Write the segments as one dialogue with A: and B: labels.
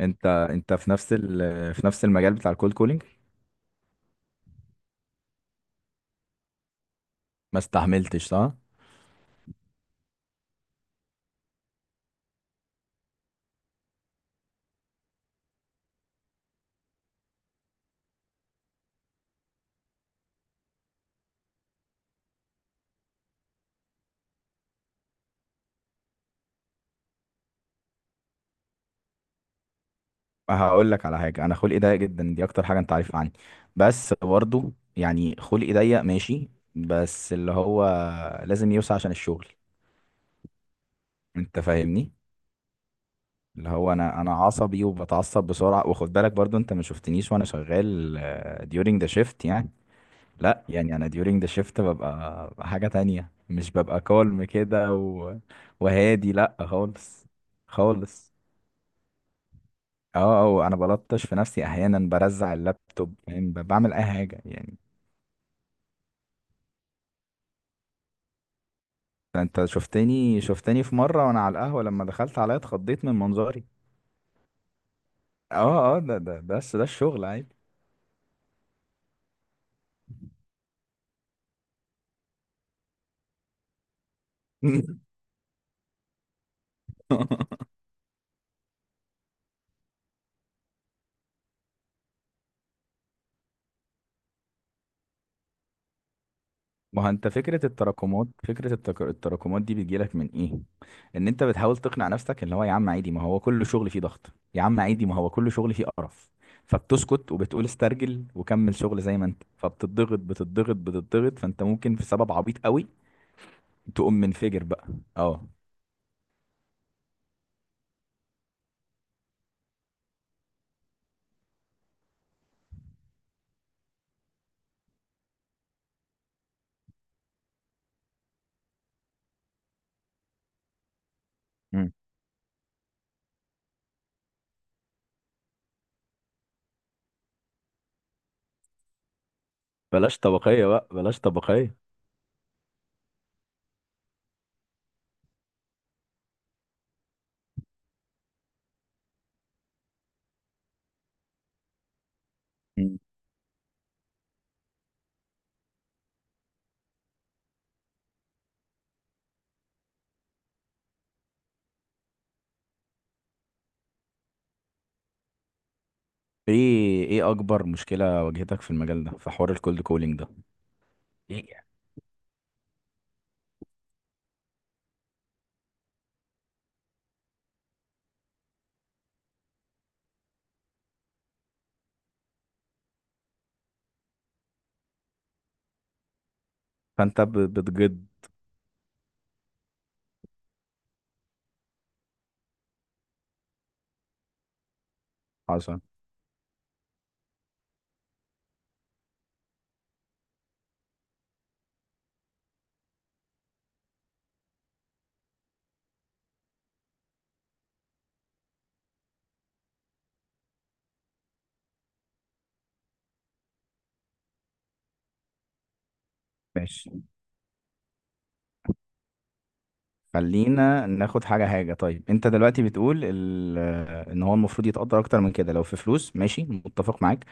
A: انت في نفس في نفس المجال بتاع الكولد كولينج. ما استحملتش، صح؟ هقول لك على حاجه، انا خلقي ضيق جدا، دي اكتر حاجه انت عارفها عني. بس برضه يعني خلقي ضيق ماشي، بس اللي هو لازم يوسع عشان الشغل. انت فاهمني. اللي هو انا عصبي وبتعصب بسرعه، وخد بالك برضه انت ما شفتنيش وانا شغال ديورنج ذا شيفت يعني. لا يعني انا ديورنج ذا شيفت ببقى حاجه تانية، مش ببقى كالم كده وهادي لا خالص، خالص. اه اه، انا بلطش في نفسي احيانا، برزع اللابتوب، فاهم، بعمل اي حاجه يعني. انت شفتني في مره وانا على القهوه، لما دخلت عليا اتخضيت من منظري. اه اه، ده بس ده الشغل عادي. ما هو انت فكره التراكمات، فكره التراكمات دي بتجيلك من ايه؟ ان انت بتحاول تقنع نفسك اللي هو يا عم عادي، ما هو كل شغل فيه ضغط، يا عم عادي ما هو كل شغل فيه قرف. فبتسكت وبتقول استرجل وكمل شغل زي ما انت، فبتضغط بتضغط بتضغط، فانت ممكن في سبب عبيط قوي تقوم منفجر بقى. اه. مم. بلاش طبقية بقى، بلاش طبقية. مم. ايه اكبر مشكلة واجهتك في المجال ده، في حوار الكولد كولينج ده؟ ايه؟ فانت بتجد. حصل. ماشي، خلينا ناخد حاجة حاجة. طيب انت دلوقتي بتقول ان هو المفروض يتقدر اكتر من كده لو في فلوس، ماشي متفق معاك.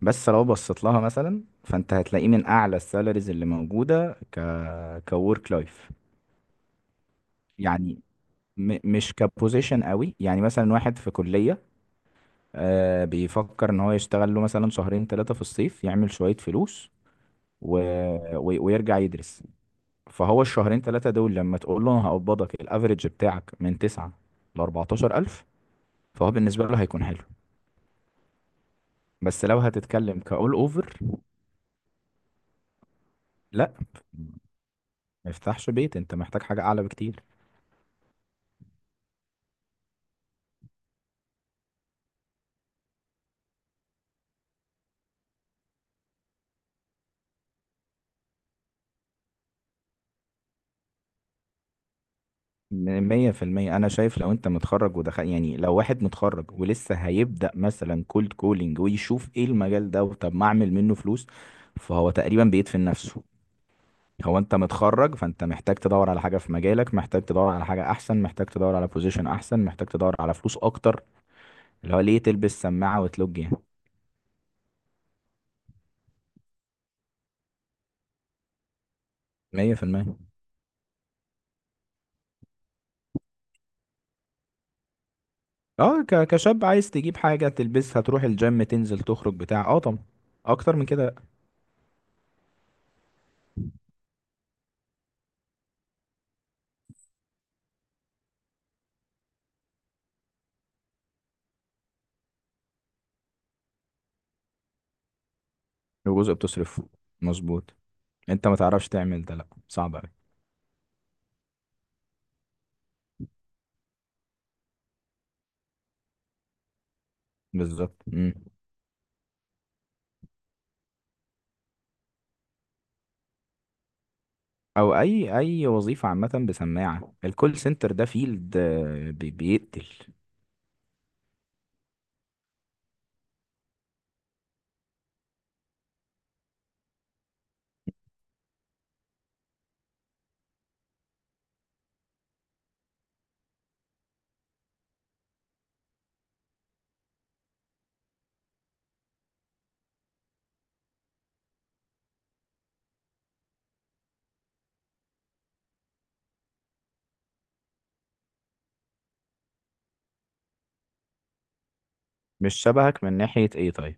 A: بس لو بصيت لها مثلا، فانت هتلاقيه من اعلى السالاريز اللي موجودة ك كورك لايف يعني. مش كبوزيشن قوي، يعني مثلا واحد في كلية بيفكر ان هو يشتغل له مثلا شهرين ثلاثة في الصيف يعمل شوية فلوس و... ويرجع يدرس. فهو الشهرين ثلاثة دول لما تقول له انا هقبضك الافريج بتاعك من 9 ل 14,000، فهو بالنسبة له هيكون حلو. بس لو هتتكلم كأول اوفر، لا. ما يفتحش بيت، انت محتاج حاجة اعلى بكتير. مية في المية أنا شايف، لو أنت متخرج ودخل يعني، لو واحد متخرج ولسه هيبدأ مثلا كولد كولينج ويشوف إيه المجال ده، وطب ما أعمل منه فلوس، فهو تقريبا بيدفن نفسه. هو انت متخرج فانت محتاج تدور على حاجه في مجالك، محتاج تدور على حاجه احسن، محتاج تدور على بوزيشن احسن، محتاج تدور على فلوس اكتر. اللي هو ليه تلبس سماعه وتلوج يعني؟ 100%. اه، كشاب عايز تجيب حاجه تلبسها، تروح الجيم، تنزل، تخرج، بتاع. اه طبعا اكتر من كده. لو جزء بتصرفه، مظبوط. انت ما تعرفش تعمل ده، لا صعب قوي. بالظبط. مم. او اي وظيفه عامه بسماعه، الكول سنتر ده فيلد، بيقتل. مش شبهك من ناحيه ايه طيب؟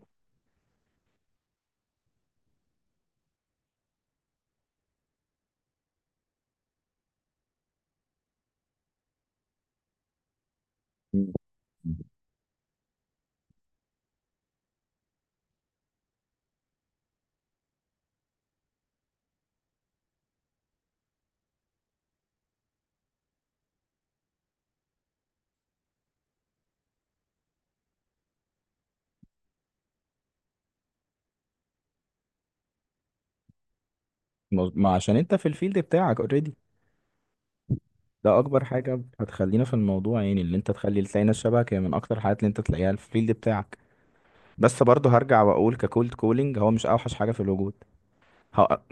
A: مم. ما عشان انت في الفيلد بتاعك اوريدي. ده اكبر حاجه هتخلينا في الموضوع، يعني اللي انت تخلي تلاقي ناس شبهك، هي من اكتر الحاجات اللي انت تلاقيها في الفيلد بتاعك. بس برضه هرجع واقول ككولد كولينج هو مش اوحش حاجه في الوجود.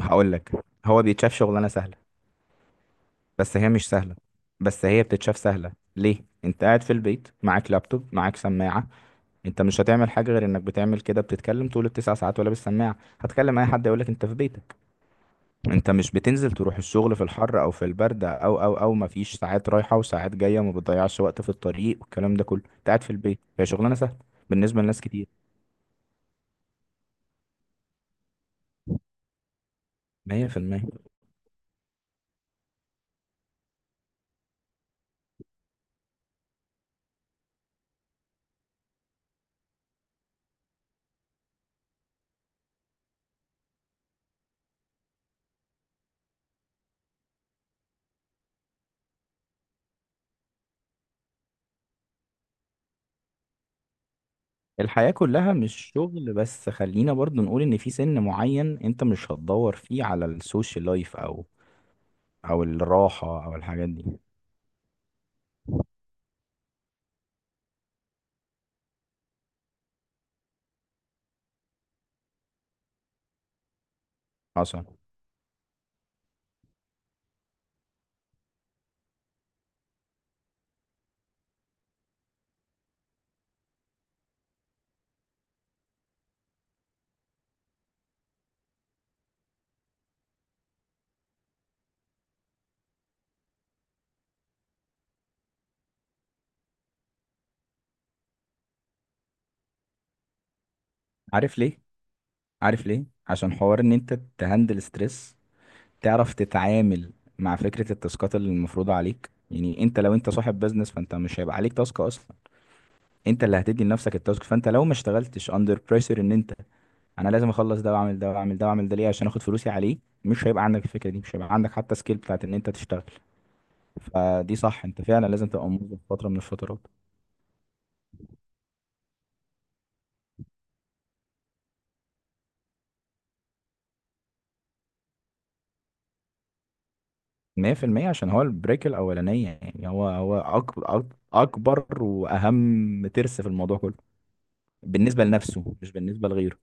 A: هقول لك، هو بيتشاف شغلانه سهله، بس هي مش سهله. بس هي بتتشاف سهله ليه؟ انت قاعد في البيت، معاك لابتوب، معاك سماعه. انت مش هتعمل حاجه غير انك بتعمل كده بتتكلم طول التسع ساعات ولا بالسماعه، هتكلم اي حد يقول لك انت في بيتك. انت مش بتنزل تروح الشغل في الحر او في البرد او او او، مفيش ساعات رايحة وساعات جاية، ما بتضيعش وقت في الطريق والكلام ده كله، انت قاعد في البيت، هي شغلانة سهلة بالنسبة لناس كتير. 100%. الحياة كلها مش شغل، بس خلينا برضو نقول ان في سن معين انت مش هتدور فيه على السوشيال لايف، او او الراحة او الحاجات دي. حصل. عارف ليه؟ عارف ليه؟ عشان حوار ان انت تهندل ستريس، تعرف تتعامل مع فكرة التاسكات اللي المفروضة عليك. يعني انت لو انت صاحب بزنس، فانت مش هيبقى عليك تاسك اصلا، انت اللي هتدي لنفسك التاسك. فانت لو ما اشتغلتش اندر بريشر ان انت انا لازم اخلص ده واعمل ده واعمل ده واعمل ده ليه، عشان اخد فلوسي عليه، مش هيبقى عندك الفكرة دي. مش هيبقى عندك حتى سكيل بتاعت ان انت تشتغل. فدي صح، انت فعلا لازم تبقى موظف فترة من الفترات. 100%. عشان هو البريك الأولانية، يعني هو أكبر، أكبر وأهم ترس في الموضوع كله. بالنسبة لنفسه مش بالنسبة لغيره.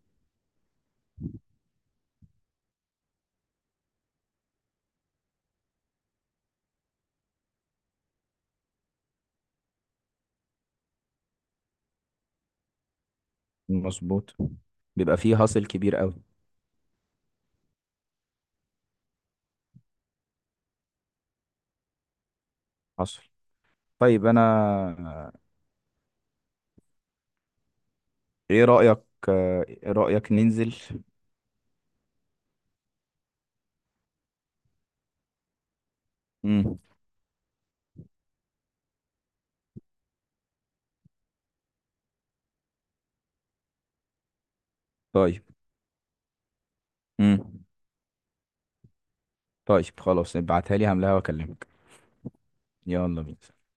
A: مظبوط. بيبقى فيه هاصل كبير قوي. حصل. طيب انا، ايه رأيك؟ ايه رأيك ننزل؟ امم طيب. امم طيب خلاص، ابعتها لي هملاها واكلمك. يلا بينا.